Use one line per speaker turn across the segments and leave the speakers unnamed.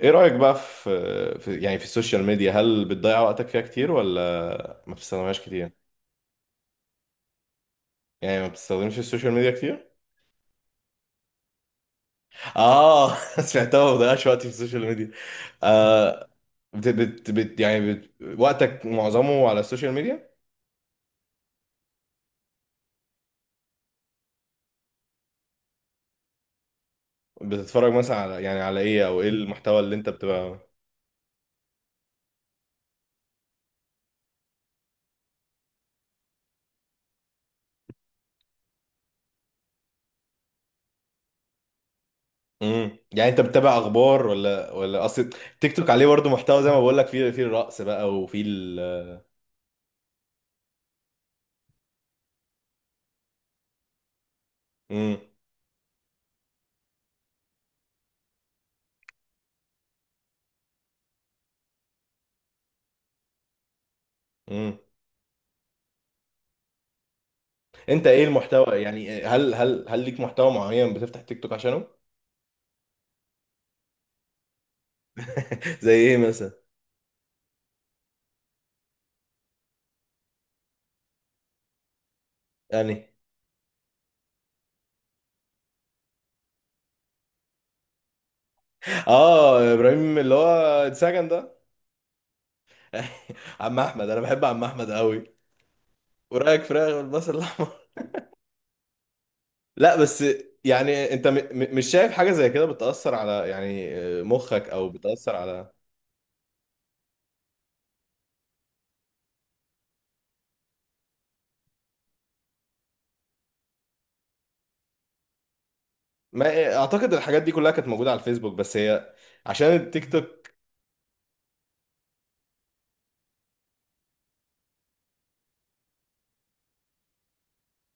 ايه رأيك بقى في يعني في السوشيال ميديا؟ هل بتضيع وقتك فيها كتير ولا ما بتستخدمهاش كتير؟ يعني ما بتستخدمش السوشيال ميديا كتير؟ اه. سمعتها ما بضيعش وقتي في السوشيال ميديا. آه، بت بت بت يعني بت وقتك معظمه على السوشيال ميديا؟ بتتفرج مثلا على ايه او ايه المحتوى اللي انت بتبقى؟ يعني انت بتتابع اخبار ولا اصل تيك توك عليه برضه محتوى زي ما بقول لك، فيه الرقص بقى وفيه ال... امم انت ايه المحتوى، يعني هل ليك محتوى معين بتفتح تيك توك عشانه؟ زي ايه مثلا؟ يعني اه ابراهيم اللي هو اتسجن ده؟ عم احمد، انا بحب عم احمد قوي. ورايك فراخ بالبصل الاحمر. لا بس، يعني انت م م مش شايف حاجه زي كده بتاثر على، مخك او بتاثر على... ما آه، اعتقد الحاجات دي كلها كانت موجوده على الفيسبوك، بس هي عشان التيك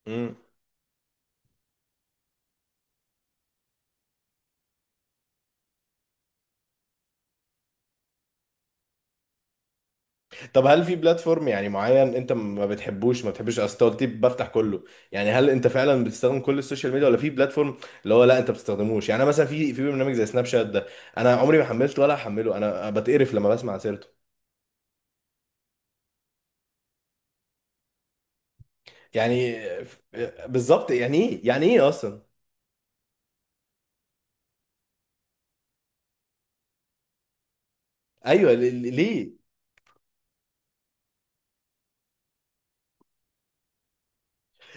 توك. طب هل في بلاتفورم يعني معين انت ما بتحبش؟ اصل أنت قلت لي بفتح كله. يعني هل انت فعلا بتستخدم كل السوشيال ميديا ولا في بلاتفورم اللي هو لا انت ما بتستخدموش؟ يعني انا مثلا في برنامج زي سناب شات ده انا عمري ما حملته ولا هحمله، انا بتقرف لما بسمع سيرته. يعني ف- بالظبط، يعني ايه، يعني ايه اصلا؟ ايوه ليه؟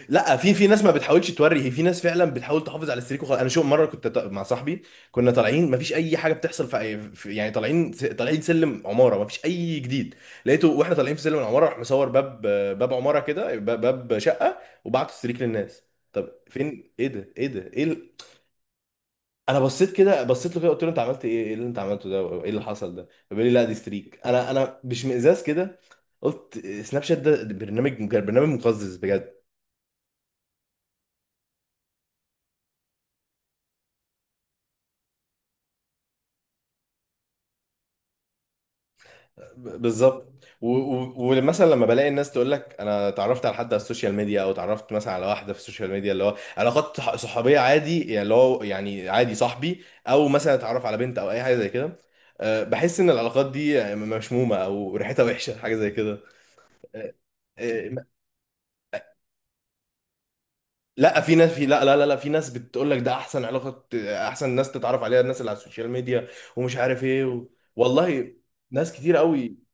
لا في ناس ما بتحاولش توري، هي في ناس فعلا بتحاول تحافظ على السريك وخلاص. انا شو مره كنت مع صاحبي، كنا طالعين ما فيش اي حاجه بتحصل في، طالعين، طالعين سلم عماره، ما فيش اي جديد. لقيته واحنا طالعين في سلم العماره راح مصور باب، باب عماره كده، باب شقه، وبعت السريك للناس. طب فين؟ ايه ده، ايه ده، ايه ال...؟ انا بصيت كده، بصيت له كده، قلت له انت عملت ايه اللي انت عملته ده، ايه اللي حصل ده؟ فبيقول لي لا دي ستريك. انا باشمئزاز كده قلت سناب شات ده برنامج مقزز بجد. بالظبط. ومثلا لما بلاقي الناس تقول لك انا اتعرفت على حد على السوشيال ميديا، او اتعرفت مثلا على واحده في السوشيال ميديا، اللي هو علاقات صحوبيه عادي، يعني اللي هو يعني عادي صاحبي، او مثلا اتعرف على بنت او اي حاجه زي كده. أه، بحس ان العلاقات دي مشمومه او ريحتها وحشه حاجه زي كده. أه، أه، لا في ناس، لا لا لا لا، في ناس بتقول لك ده احسن علاقه، احسن ناس تتعرف عليها الناس اللي على السوشيال ميديا، ومش عارف ايه و... والله ناس كتير قوي.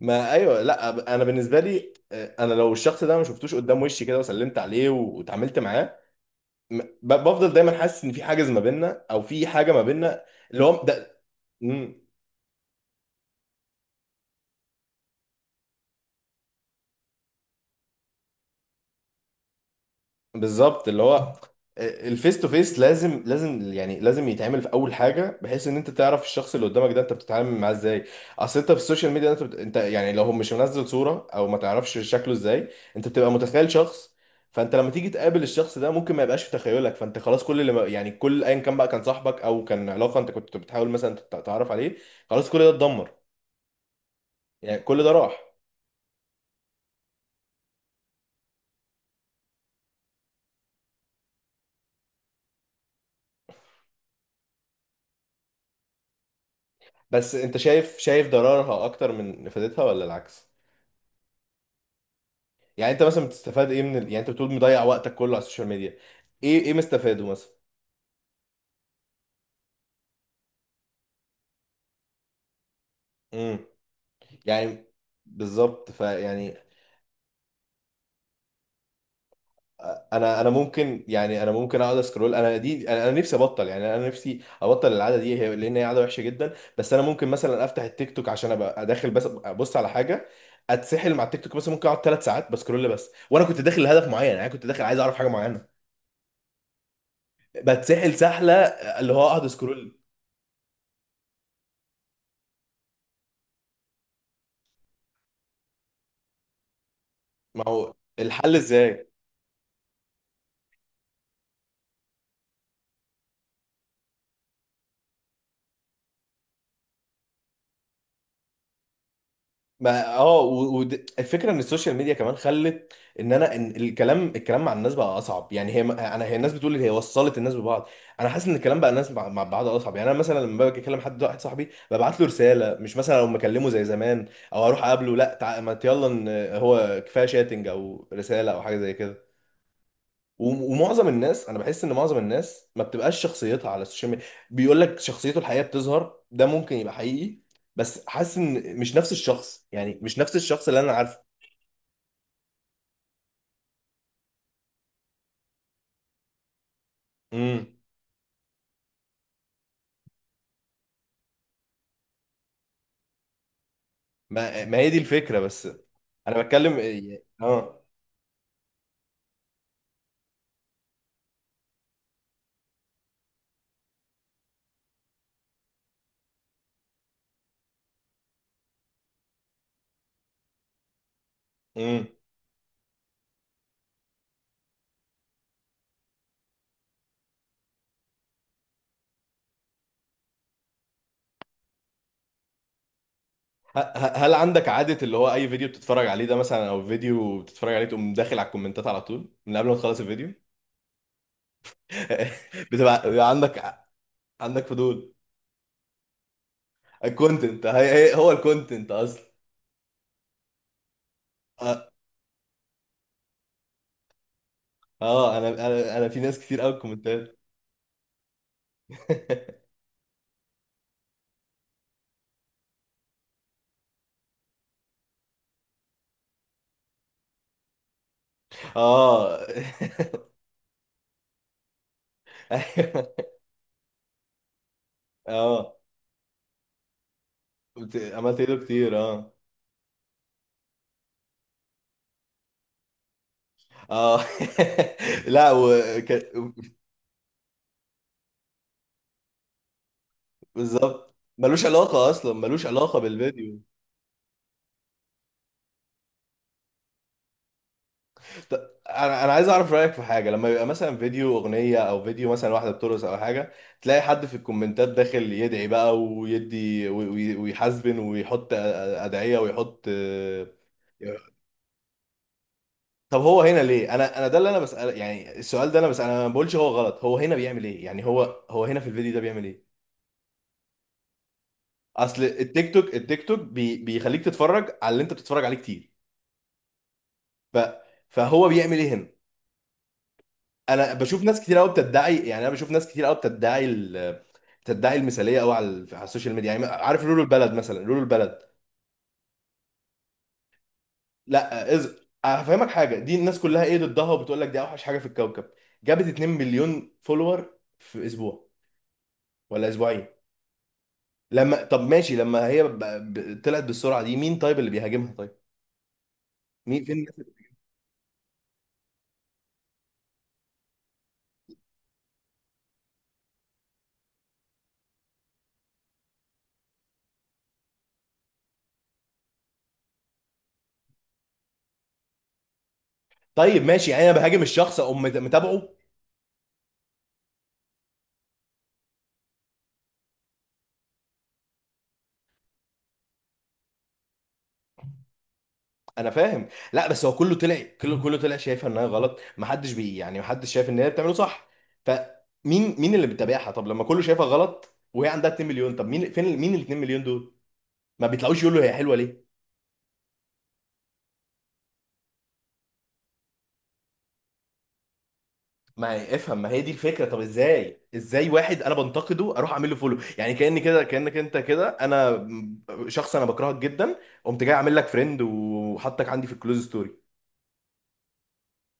ما ايوه، لا انا بالنسبه لي آه، انا لو الشخص ده ما شفتوش قدام وشي كده وسلمت عليه واتعاملت معاه، بفضل دايما حاسس ان في حاجز ما بيننا او في حاجه ما بيننا، اللي هو ده. بالظبط، اللي هو الفيس تو فيس لازم، لازم يتعمل في اول حاجه بحيث ان انت تعرف الشخص اللي قدامك ده انت بتتعامل معاه ازاي. اصل انت في السوشيال ميديا انت بت... انت يعني لو هو مش منزل صوره او ما تعرفش شكله ازاي، انت بتبقى متخيل شخص، فانت لما تيجي تقابل الشخص ده ممكن ما يبقاش في تخيلك. فانت خلاص كل اللي ما... يعني كل، ايا كان بقى كان صاحبك او كان علاقه انت كنت بتحاول مثلا تعرف عليه، خلاص كل ده اتدمر، يعني كل ده راح. بس انت شايف ضررها اكتر من فائدتها ولا العكس؟ يعني انت مثلا بتستفاد ايه من ال...؟ يعني انت بتقول مضيع وقتك كله على السوشيال ميديا، ايه مستفاده مثلا؟ امم يعني بالظبط، فيعني انا ممكن، يعني انا ممكن اقعد اسكرول. انا دي انا نفسي ابطل، يعني انا نفسي ابطل العاده دي، هي لان هي عاده وحشه جدا. بس انا ممكن مثلا افتح التيك توك عشان ابقى داخل بس ابص على حاجه، اتسحل مع التيك توك، مثلا ممكن اقعد 3 ساعات بسكرول بس وانا كنت داخل لهدف معين، يعني كنت داخل عايز اعرف حاجه معينه. بتسحل سحله اللي هو اقعد سكرول. ما هو الحل ازاي؟ ما اه، والفكره ان السوشيال ميديا كمان خلت ان انا ان الكلام الكلام مع الناس بقى اصعب، يعني هي ما- انا هي الناس بتقول هي وصلت الناس ببعض. انا حاسس ان الكلام بقى الناس مع بعض اصعب، يعني انا مثلا لما باجي اكلم حد واحد صاحبي ببعت له رساله مش مثلا لو مكلمه زي زمان، او اروح اقابله، لا ما يلا إن هو كفايه شاتنج او رساله او حاجه زي كده. ومعظم الناس انا بحس ان معظم الناس ما بتبقاش شخصيتها على السوشيال ميديا. بيقول لك شخصيته الحقيقيه بتظهر، ده ممكن يبقى حقيقي، بس حاسس ان مش نفس الشخص، يعني مش نفس الشخص اللي انا عارفه. امم. ما هي دي الفكره بس. انا بتكلم. اه. امم. هل عندك عاده اللي هو اي فيديو بتتفرج عليه ده مثلا، او فيديو بتتفرج عليه تقوم داخل على الكومنتات على طول من قبل ما تخلص الفيديو؟ بيبقى عندك؟ عندك فضول؟ الكونتنت، هو الكونتنت اصلا. اه انا انا انا في ناس كتير قوي كومنتات. اه. ايوه. اه عملت له كتير. اه، اه. لا، وكان بالظبط ملوش علاقة أصلا، ملوش علاقة بالفيديو. ط- أنا عايز أعرف رأيك في حاجة. لما يبقى مثلا فيديو أغنية، أو فيديو مثلا واحدة بترقص أو حاجة، تلاقي حد في الكومنتات داخل يدعي بقى ويدي ويحزبن ويحط أدعية ويحط. طب هو هنا ليه؟ انا ده اللي انا بسأل، يعني السؤال ده. انا بس انا ما بقولش هو غلط، هو هنا بيعمل ايه؟ يعني هو هنا في الفيديو ده بيعمل ايه؟ اصل التيك توك، بيخليك تتفرج على اللي انت بتتفرج عليه كتير، ف فهو بيعمل ايه هنا؟ انا بشوف ناس كتير قوي بتدعي، يعني انا بشوف ناس كتير قوي بتدعي ال-، بتدعي المثاليه قوي على السوشيال ميديا، يعني عارف لولو البلد مثلا، لولو البلد. لا هفهمك حاجه. دي الناس كلها ايه ضدها وبتقول لك دي اوحش حاجه في الكوكب، جابت 2 مليون فولور في اسبوع ولا اسبوعين. لما طب ماشي، لما هي طلعت بالسرعه دي، مين طيب اللي بيهاجمها؟ طيب مين؟ فين الناس اللي...؟ طيب ماشي، يعني انا بهاجم الشخص اقوم متابعه؟ انا فاهم. لا بس هو كله طلع، كله طلع شايفها انها غلط، ما حدش بي يعني ما حدش شايف ان هي بتعمله صح، فمين؟ مين اللي بيتابعها؟ طب لما كله شايفها غلط وهي عندها 2 مليون، طب مين؟ ال 2 مليون دول؟ ما بيطلعوش يقولوا هي حلوه ليه. ما افهم، ما هي دي الفكره. طب ازاي واحد انا بنتقده اروح اعمل له فولو؟ يعني كاني كده، كانك انت كده انا شخص انا بكرهك جدا، قمت جاي اعمل لك فريند وحطك عندي في الكلوز ستوري؟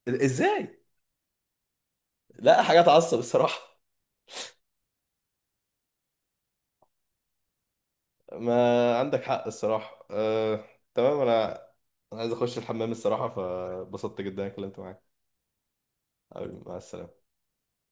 ازاي؟ لا حاجه تعصب الصراحه. ما عندك حق الصراحه، أه... تمام. انا أنا عايز اخش الحمام الصراحه، فبسطت جدا إني اتكلمت معاك. حبيبي، مع السلامه.